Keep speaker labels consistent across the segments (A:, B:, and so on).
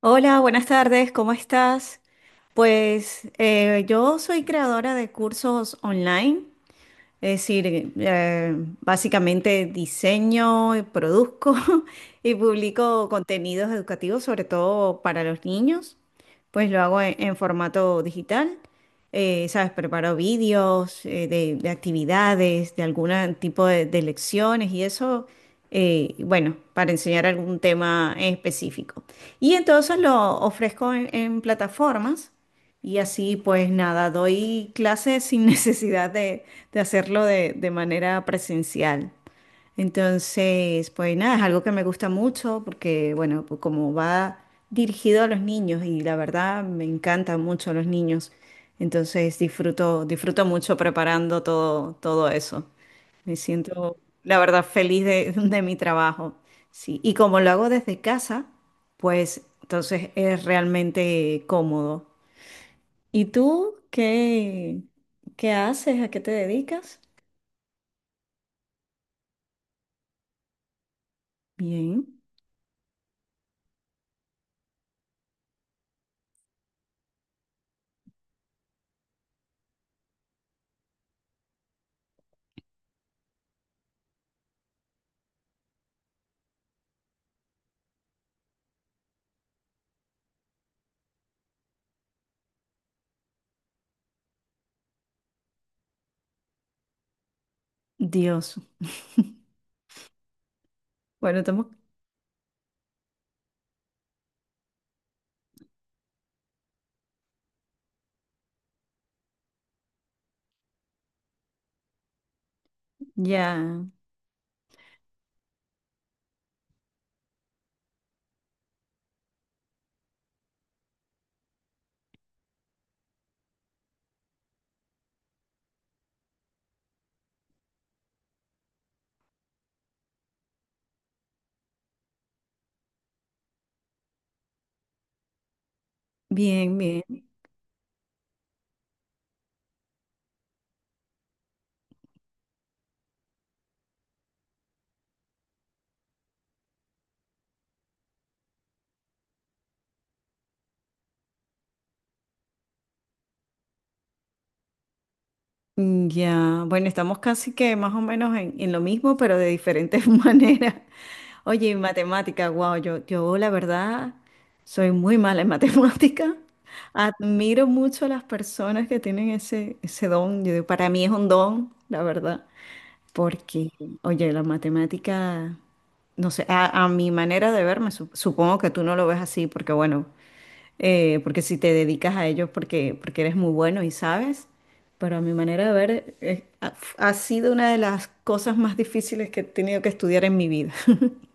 A: Hola, buenas tardes, ¿cómo estás? Pues yo soy creadora de cursos online, es decir, básicamente diseño, produzco y publico contenidos educativos, sobre todo para los niños. Pues lo hago en formato digital. ¿Sabes? Preparo vídeos de actividades, de algún tipo de lecciones y eso, bueno, para enseñar algún tema en específico. Y entonces lo ofrezco en plataformas. Y así pues nada, doy clases sin necesidad de hacerlo de manera presencial. Entonces, pues nada, es algo que me gusta mucho porque, bueno, pues como va dirigido a los niños y la verdad me encantan mucho los niños. Entonces disfruto mucho preparando todo eso. Me siento, la verdad, feliz de, de mi trabajo. Sí, y como lo hago desde casa, pues entonces es realmente cómodo. ¿Y tú qué haces? ¿A qué te dedicas? Bien. Dios. Bueno, estamos ya, bien, bien. Ya, bueno, estamos casi que más o menos en lo mismo, pero de diferentes maneras. Oye, y matemática, wow, yo la verdad soy muy mala en matemática. Admiro mucho a las personas que tienen ese don. Yo digo, para mí es un don, la verdad. Porque, oye, la matemática, no sé, a mi manera de verme, supongo que tú no lo ves así, porque bueno, porque si te dedicas a ello porque, porque eres muy bueno y sabes, pero a mi manera de ver, ha sido una de las cosas más difíciles que he tenido que estudiar en mi vida.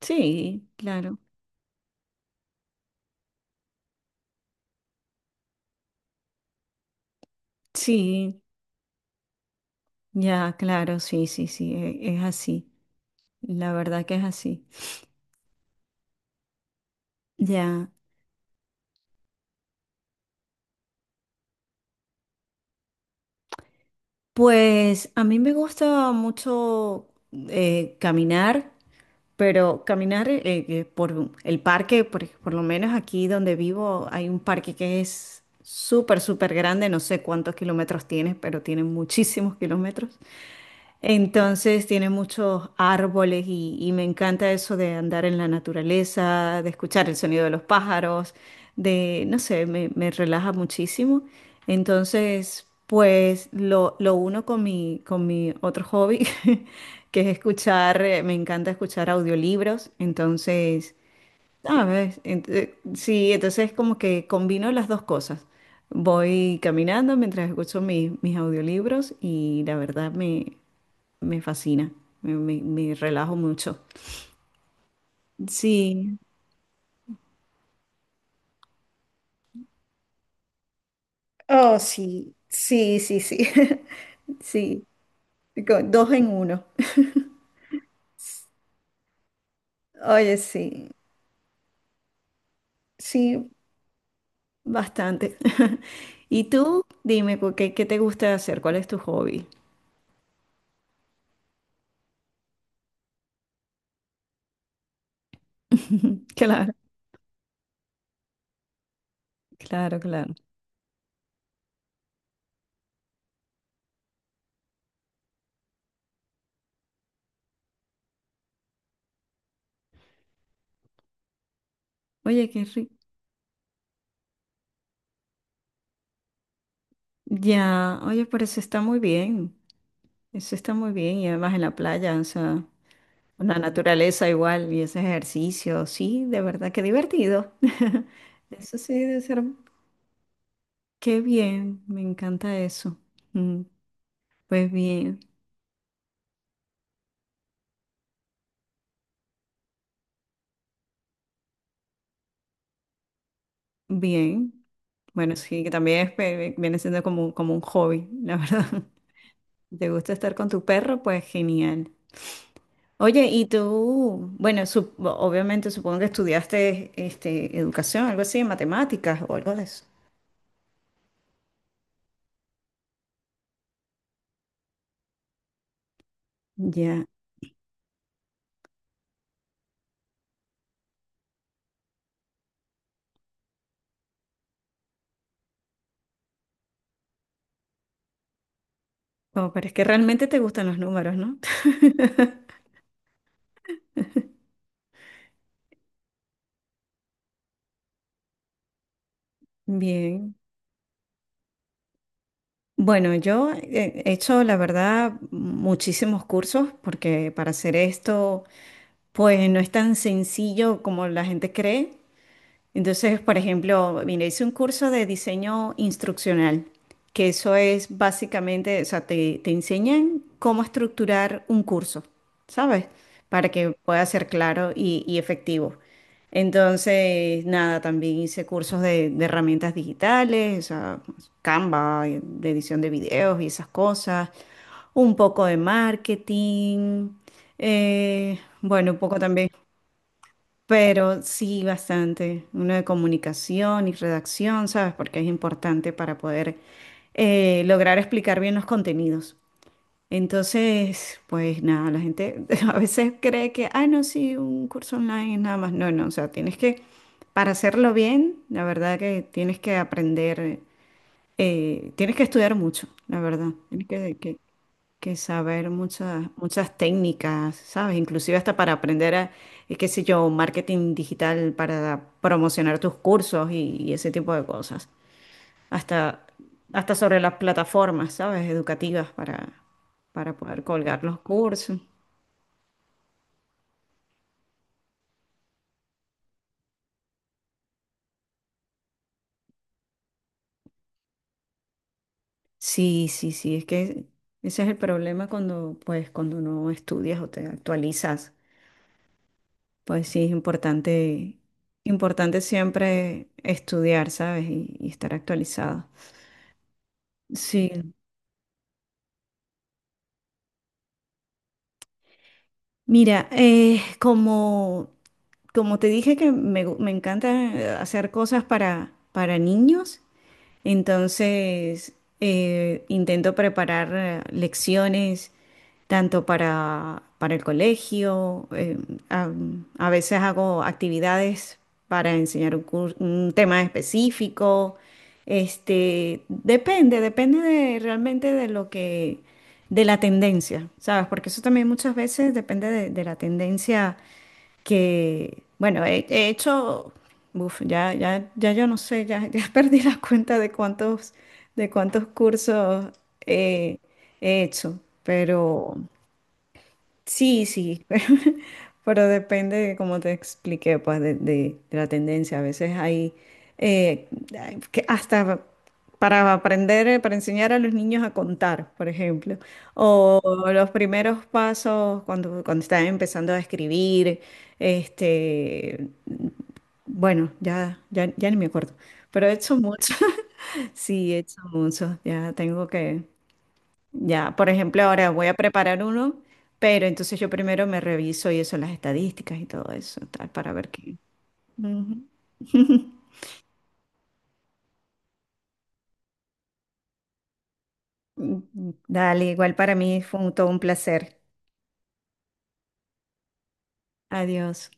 A: Sí, claro. Sí, ya, claro, sí, sí, sí, es así. La verdad que es así. Ya, pues a mí me gusta mucho caminar. Pero caminar por el parque, por lo menos aquí donde vivo, hay un parque que es súper, súper grande, no sé cuántos kilómetros tiene, pero tiene muchísimos kilómetros. Entonces tiene muchos árboles y me encanta eso de andar en la naturaleza, de escuchar el sonido de los pájaros, de, no sé, me relaja muchísimo. Entonces, pues lo uno con con mi otro hobby, que es escuchar, me encanta escuchar audiolibros. Entonces, ¿sabes? Sí, entonces como que combino las dos cosas. Voy caminando mientras escucho mis audiolibros y la verdad me, me fascina, me relajo mucho. Sí. Oh, sí, sí, sí, sí. Sí, dos en uno. Oye, sí, sí. Bastante. ¿Y tú? Dime, qué te gusta hacer? ¿Cuál es tu hobby? Claro, claro, claro. Oye, qué rico. Ya, oye, pero eso está muy bien. Eso está muy bien. Y además en la playa, o sea. La naturaleza igual y ese ejercicio, sí, de verdad, qué divertido. Eso sí debe ser, qué bien, me encanta eso. Mm, Pues bien, bien. Bueno, sí, que también es viene siendo como, como un hobby, la verdad. ¿Te gusta estar con tu perro? Pues genial. Oye, y tú, bueno, obviamente supongo que estudiaste este, educación, algo así, matemáticas o algo de eso. Ya. Como, pero es que realmente te gustan los números, ¿no? Bien. Bueno, yo he hecho, la verdad, muchísimos cursos porque para hacer esto, pues no es tan sencillo como la gente cree. Entonces, por ejemplo, mira, hice un curso de diseño instruccional, que eso es básicamente, o sea, te enseñan cómo estructurar un curso, ¿sabes? Para que pueda ser claro y efectivo. Entonces, nada, también hice cursos de herramientas digitales, o sea, Canva, de edición de videos y esas cosas, un poco de marketing, bueno, un poco también. Pero sí, bastante. Uno de comunicación y redacción, ¿sabes? Porque es importante para poder lograr explicar bien los contenidos. Entonces, pues nada, la gente a veces cree que, ah, no, sí, un curso online es nada más. No, no, o sea, tienes que, para hacerlo bien, la verdad que tienes que aprender, tienes que estudiar mucho, la verdad. Tienes que, que saber muchas, muchas técnicas, ¿sabes? Inclusive hasta para aprender a, qué sé yo, marketing digital para promocionar tus cursos y ese tipo de cosas. Hasta, hasta sobre las plataformas, ¿sabes? Educativas para poder colgar los cursos. Sí, sí, sí, es que ese es el problema cuando, pues, cuando no estudias o te actualizas. Pues sí, es importante, importante siempre estudiar, ¿sabes? Y estar actualizado. Sí. Mira, como te dije que me, me encanta hacer cosas para niños, entonces intento preparar lecciones tanto para el colegio, a, a veces hago actividades para enseñar un, un tema específico. Este, depende de, realmente de lo que, de la tendencia, ¿sabes? Porque eso también muchas veces depende de la tendencia que, bueno, he hecho, uf, ya yo no sé, ya perdí la cuenta de cuántos cursos eh, he hecho, pero... Sí, sí, pero depende, como te expliqué, pues de, de la tendencia. A veces hay eh, que hasta para aprender, para enseñar a los niños a contar, por ejemplo, o los primeros pasos cuando, cuando están empezando a escribir, este, bueno, ya ni me acuerdo, pero he hecho mucho, sí, he hecho mucho, ya tengo que, ya, por ejemplo, ahora voy a preparar uno, pero entonces yo primero me reviso y eso, las estadísticas y todo eso, tal, para ver qué. Ujú. Dale, igual para mí fue todo un placer. Adiós.